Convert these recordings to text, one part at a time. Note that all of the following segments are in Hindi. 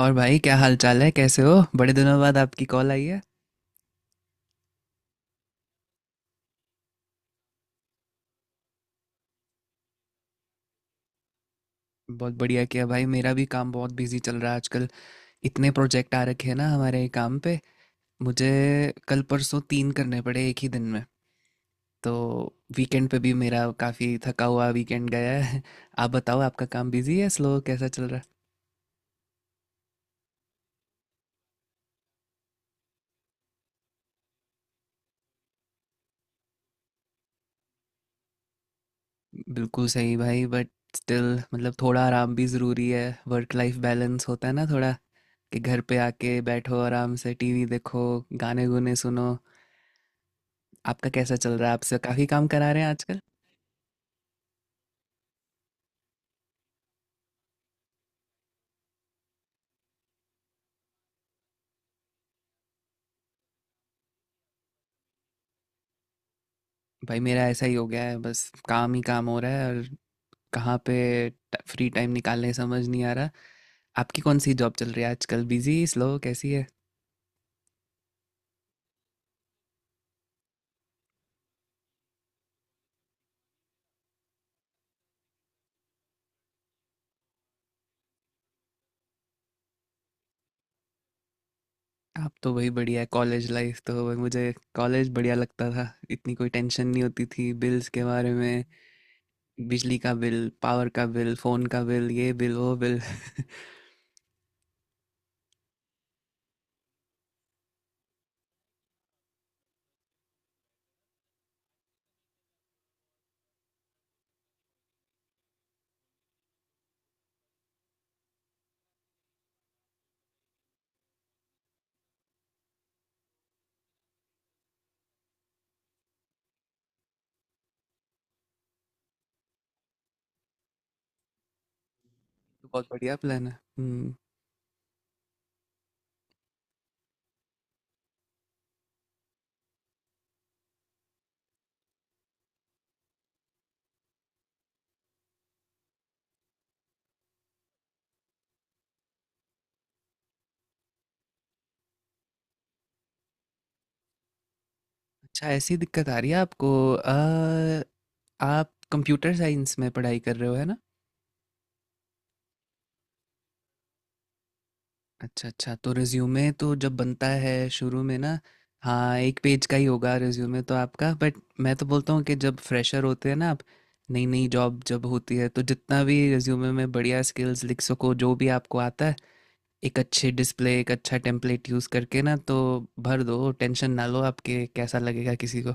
और भाई क्या हाल चाल है। कैसे हो। बड़े दिनों बाद आपकी कॉल आई है। बहुत बढ़िया किया भाई। मेरा भी काम बहुत बिजी चल रहा है आजकल। इतने प्रोजेक्ट आ रखे हैं ना हमारे काम पे, मुझे कल परसों तीन करने पड़े एक ही दिन में। तो वीकेंड पे भी मेरा काफ़ी थका हुआ वीकेंड गया है आप बताओ, आपका काम बिजी है स्लो कैसा चल रहा है। बिल्कुल सही भाई। बट स्टिल मतलब थोड़ा आराम भी ज़रूरी है। वर्क लाइफ बैलेंस होता है ना थोड़ा, कि घर पे आके बैठो आराम से टीवी देखो, गाने गुने सुनो। आपका कैसा चल रहा है, आपसे काफ़ी काम करा रहे हैं आजकल। भाई मेरा ऐसा ही हो गया है, बस काम ही काम हो रहा है और कहाँ पे फ्री टाइम निकालने समझ नहीं आ रहा। आपकी कौन सी जॉब चल रही है आजकल, बिजी स्लो कैसी है। आप तो वही बढ़िया है कॉलेज लाइफ, तो भाई मुझे कॉलेज बढ़िया लगता था। इतनी कोई टेंशन नहीं होती थी बिल्स के बारे में। बिजली का बिल, पावर का बिल, फ़ोन का बिल, ये बिल वो बिल बहुत बढ़िया प्लान है। हम्म। अच्छा, ऐसी दिक्कत आ रही है आपको। आप कंप्यूटर साइंस में पढ़ाई कर रहे हो है ना। अच्छा अच्छा, तो रिज्यूमे तो जब बनता है शुरू में ना, हाँ एक पेज का ही होगा रिज्यूमे तो आपका। बट मैं तो बोलता हूँ कि जब फ्रेशर होते हैं ना आप, नई नई जॉब जब होती है, तो जितना भी रिज्यूमे में बढ़िया स्किल्स लिख सको जो भी आपको आता है, एक अच्छे डिस्प्ले, एक अच्छा टेम्पलेट यूज़ करके ना, तो भर दो। टेंशन ना लो, आपके कैसा लगेगा किसी को।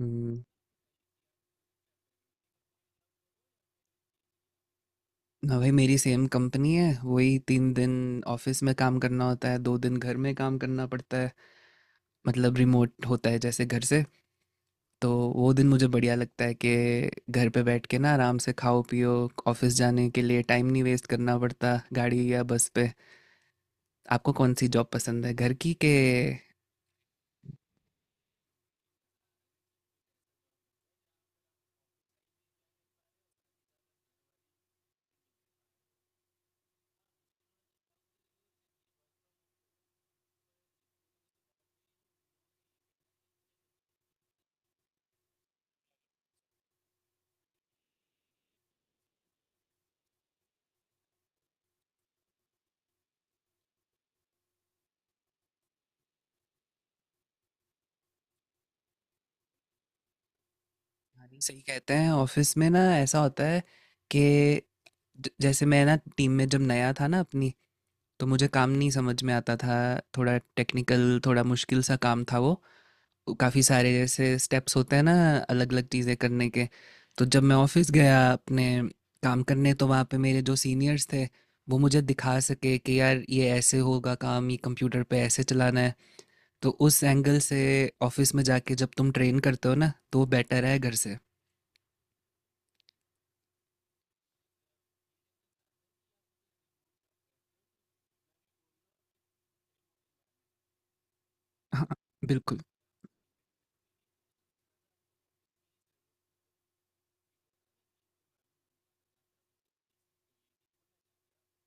हम्म, ना भाई मेरी सेम कंपनी है। वही 3 दिन ऑफिस में काम करना होता है, 2 दिन घर में काम करना पड़ता है। मतलब रिमोट होता है जैसे घर से। तो वो दिन मुझे बढ़िया लगता है कि घर पे बैठ के ना आराम से खाओ पियो, ऑफिस जाने के लिए टाइम नहीं वेस्ट करना पड़ता गाड़ी या बस पे। आपको कौन सी जॉब पसंद है, घर की के। हाँ, नहीं, सही कहते हैं। ऑफिस में ना ऐसा होता है कि जैसे मैं ना टीम में जब नया था ना अपनी, तो मुझे काम नहीं समझ में आता था। थोड़ा टेक्निकल, थोड़ा मुश्किल सा काम था वो। काफ़ी सारे जैसे स्टेप्स होते हैं ना अलग अलग चीज़ें करने के। तो जब मैं ऑफिस गया अपने काम करने, तो वहाँ पे मेरे जो सीनियर्स थे वो मुझे दिखा सके कि यार ये ऐसे होगा काम, ये कंप्यूटर पे ऐसे चलाना है। तो उस एंगल से ऑफिस में जाके जब तुम ट्रेन करते हो ना, तो वो बेटर है घर से। हाँ बिल्कुल।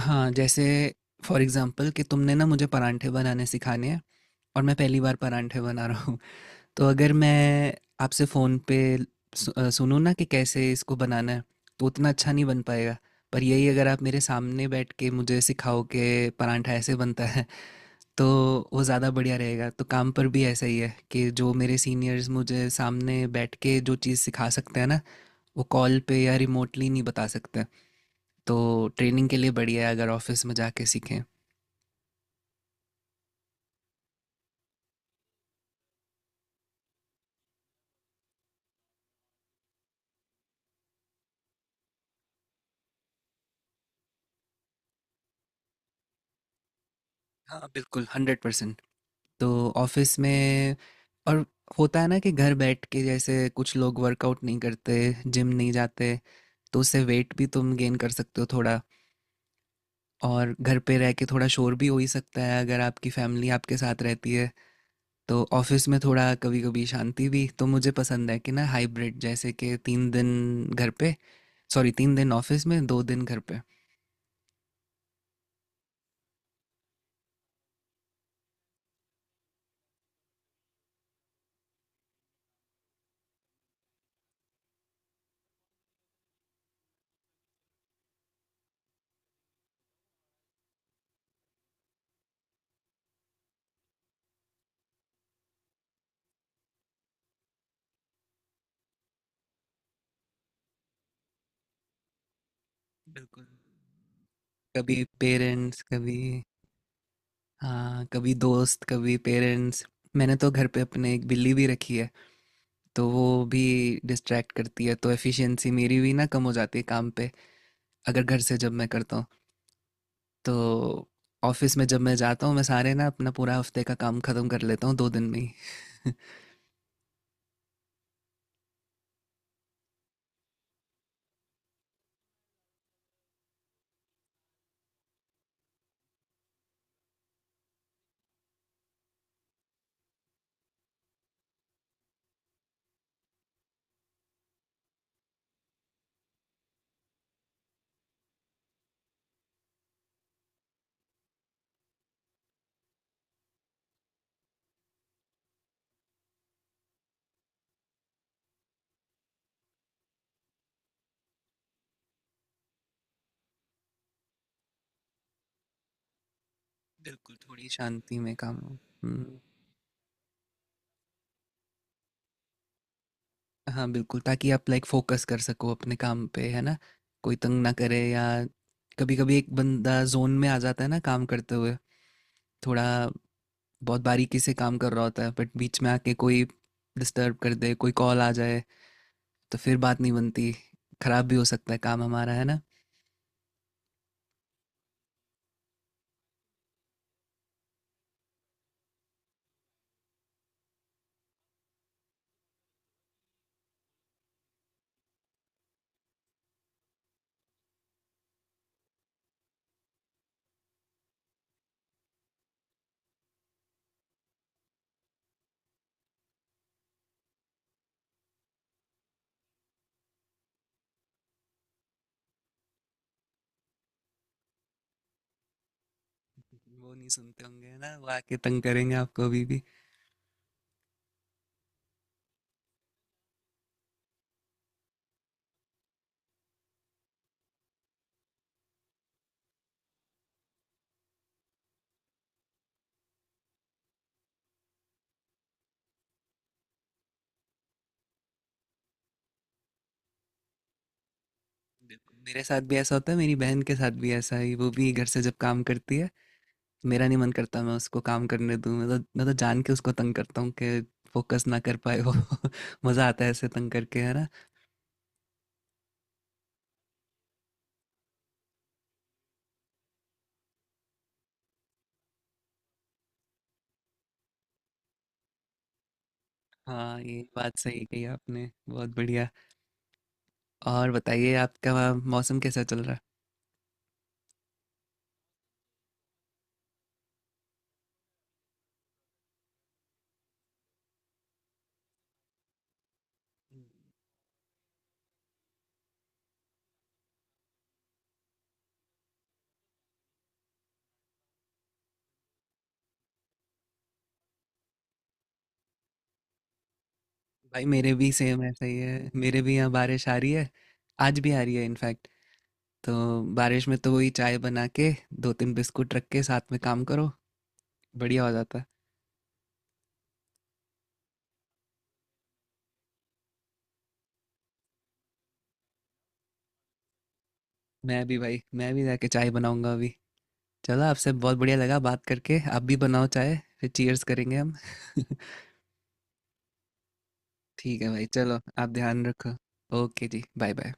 हाँ जैसे फॉर एग्जांपल कि तुमने ना मुझे परांठे बनाने सिखाने हैं और मैं पहली बार परांठे बना रहा, तो अगर मैं आपसे फ़ोन पे सुनूँ ना कि कैसे इसको बनाना है, तो उतना अच्छा नहीं बन पाएगा। पर यही अगर आप मेरे सामने बैठ के मुझे सिखाओ कि परांठा ऐसे बनता है, तो वो ज़्यादा बढ़िया रहेगा। तो काम पर भी ऐसा ही है कि जो मेरे सीनियर्स मुझे सामने बैठ के जो चीज़ सिखा सकते हैं ना, वो कॉल पे या रिमोटली नहीं बता सकते। तो ट्रेनिंग के लिए बढ़िया है अगर ऑफिस में जाके सीखें। हाँ बिल्कुल, 100%। तो ऑफिस में और होता है ना कि घर बैठ के जैसे कुछ लोग वर्कआउट नहीं करते, जिम नहीं जाते, तो उससे वेट भी तुम गेन कर सकते हो थोड़ा। और घर पे रह के थोड़ा शोर भी हो ही सकता है अगर आपकी फैमिली आपके साथ रहती है। तो ऑफिस में थोड़ा कभी कभी शांति भी, तो मुझे पसंद है कि ना हाइब्रिड, जैसे कि 3 दिन घर पे, सॉरी 3 दिन ऑफिस में 2 दिन घर पे। बिल्कुल। कभी पेरेंट्स कभी, हाँ कभी दोस्त कभी पेरेंट्स। मैंने तो घर पे अपने एक बिल्ली भी रखी है। तो वो भी डिस्ट्रैक्ट करती है, तो एफिशिएंसी मेरी भी ना कम हो जाती है काम पे, अगर घर से जब मैं करता हूँ। तो ऑफिस में जब मैं जाता हूँ, मैं सारे ना अपना पूरा हफ्ते का काम खत्म कर लेता हूँ 2 दिन में ही बिल्कुल, थोड़ी शांति में काम हो। हम्म, हाँ बिल्कुल, ताकि आप लाइक फोकस कर सको अपने काम पे है ना। कोई तंग ना करे, या कभी कभी एक बंदा जोन में आ जाता है ना काम करते हुए, थोड़ा बहुत बारीकी से काम कर रहा होता है, बट बीच में आके कोई डिस्टर्ब कर दे, कोई कॉल आ जाए, तो फिर बात नहीं बनती, खराब भी हो सकता है काम हमारा, है ना। वो नहीं सुनते होंगे है ना, वो आके तंग करेंगे आपको अभी भी। मेरे साथ भी ऐसा होता है, मेरी बहन के साथ भी ऐसा ही, वो भी घर से जब काम करती है मेरा नहीं मन करता मैं उसको काम करने दूँ। मैं तो जान के उसको तंग करता हूँ कि फोकस ना कर पाए वो मज़ा आता है ऐसे तंग करके है ना। हाँ ये बात सही कही आपने, बहुत बढ़िया। और बताइए आपका वहाँ मौसम कैसा चल रहा है। भाई मेरे भी सेम ऐसा ही है, मेरे भी यहाँ बारिश आ रही है, आज भी आ रही है इनफैक्ट। तो बारिश में तो वही चाय बना के दो तीन बिस्कुट रख के साथ में काम करो, बढ़िया हो जाता है। मैं भी भाई, मैं भी जाके चाय बनाऊंगा अभी। चलो, आपसे बहुत बढ़िया लगा बात करके। आप भी बनाओ चाय, फिर चीयर्स करेंगे हम ठीक है भाई, चलो आप ध्यान रखो। ओके जी, बाय बाय।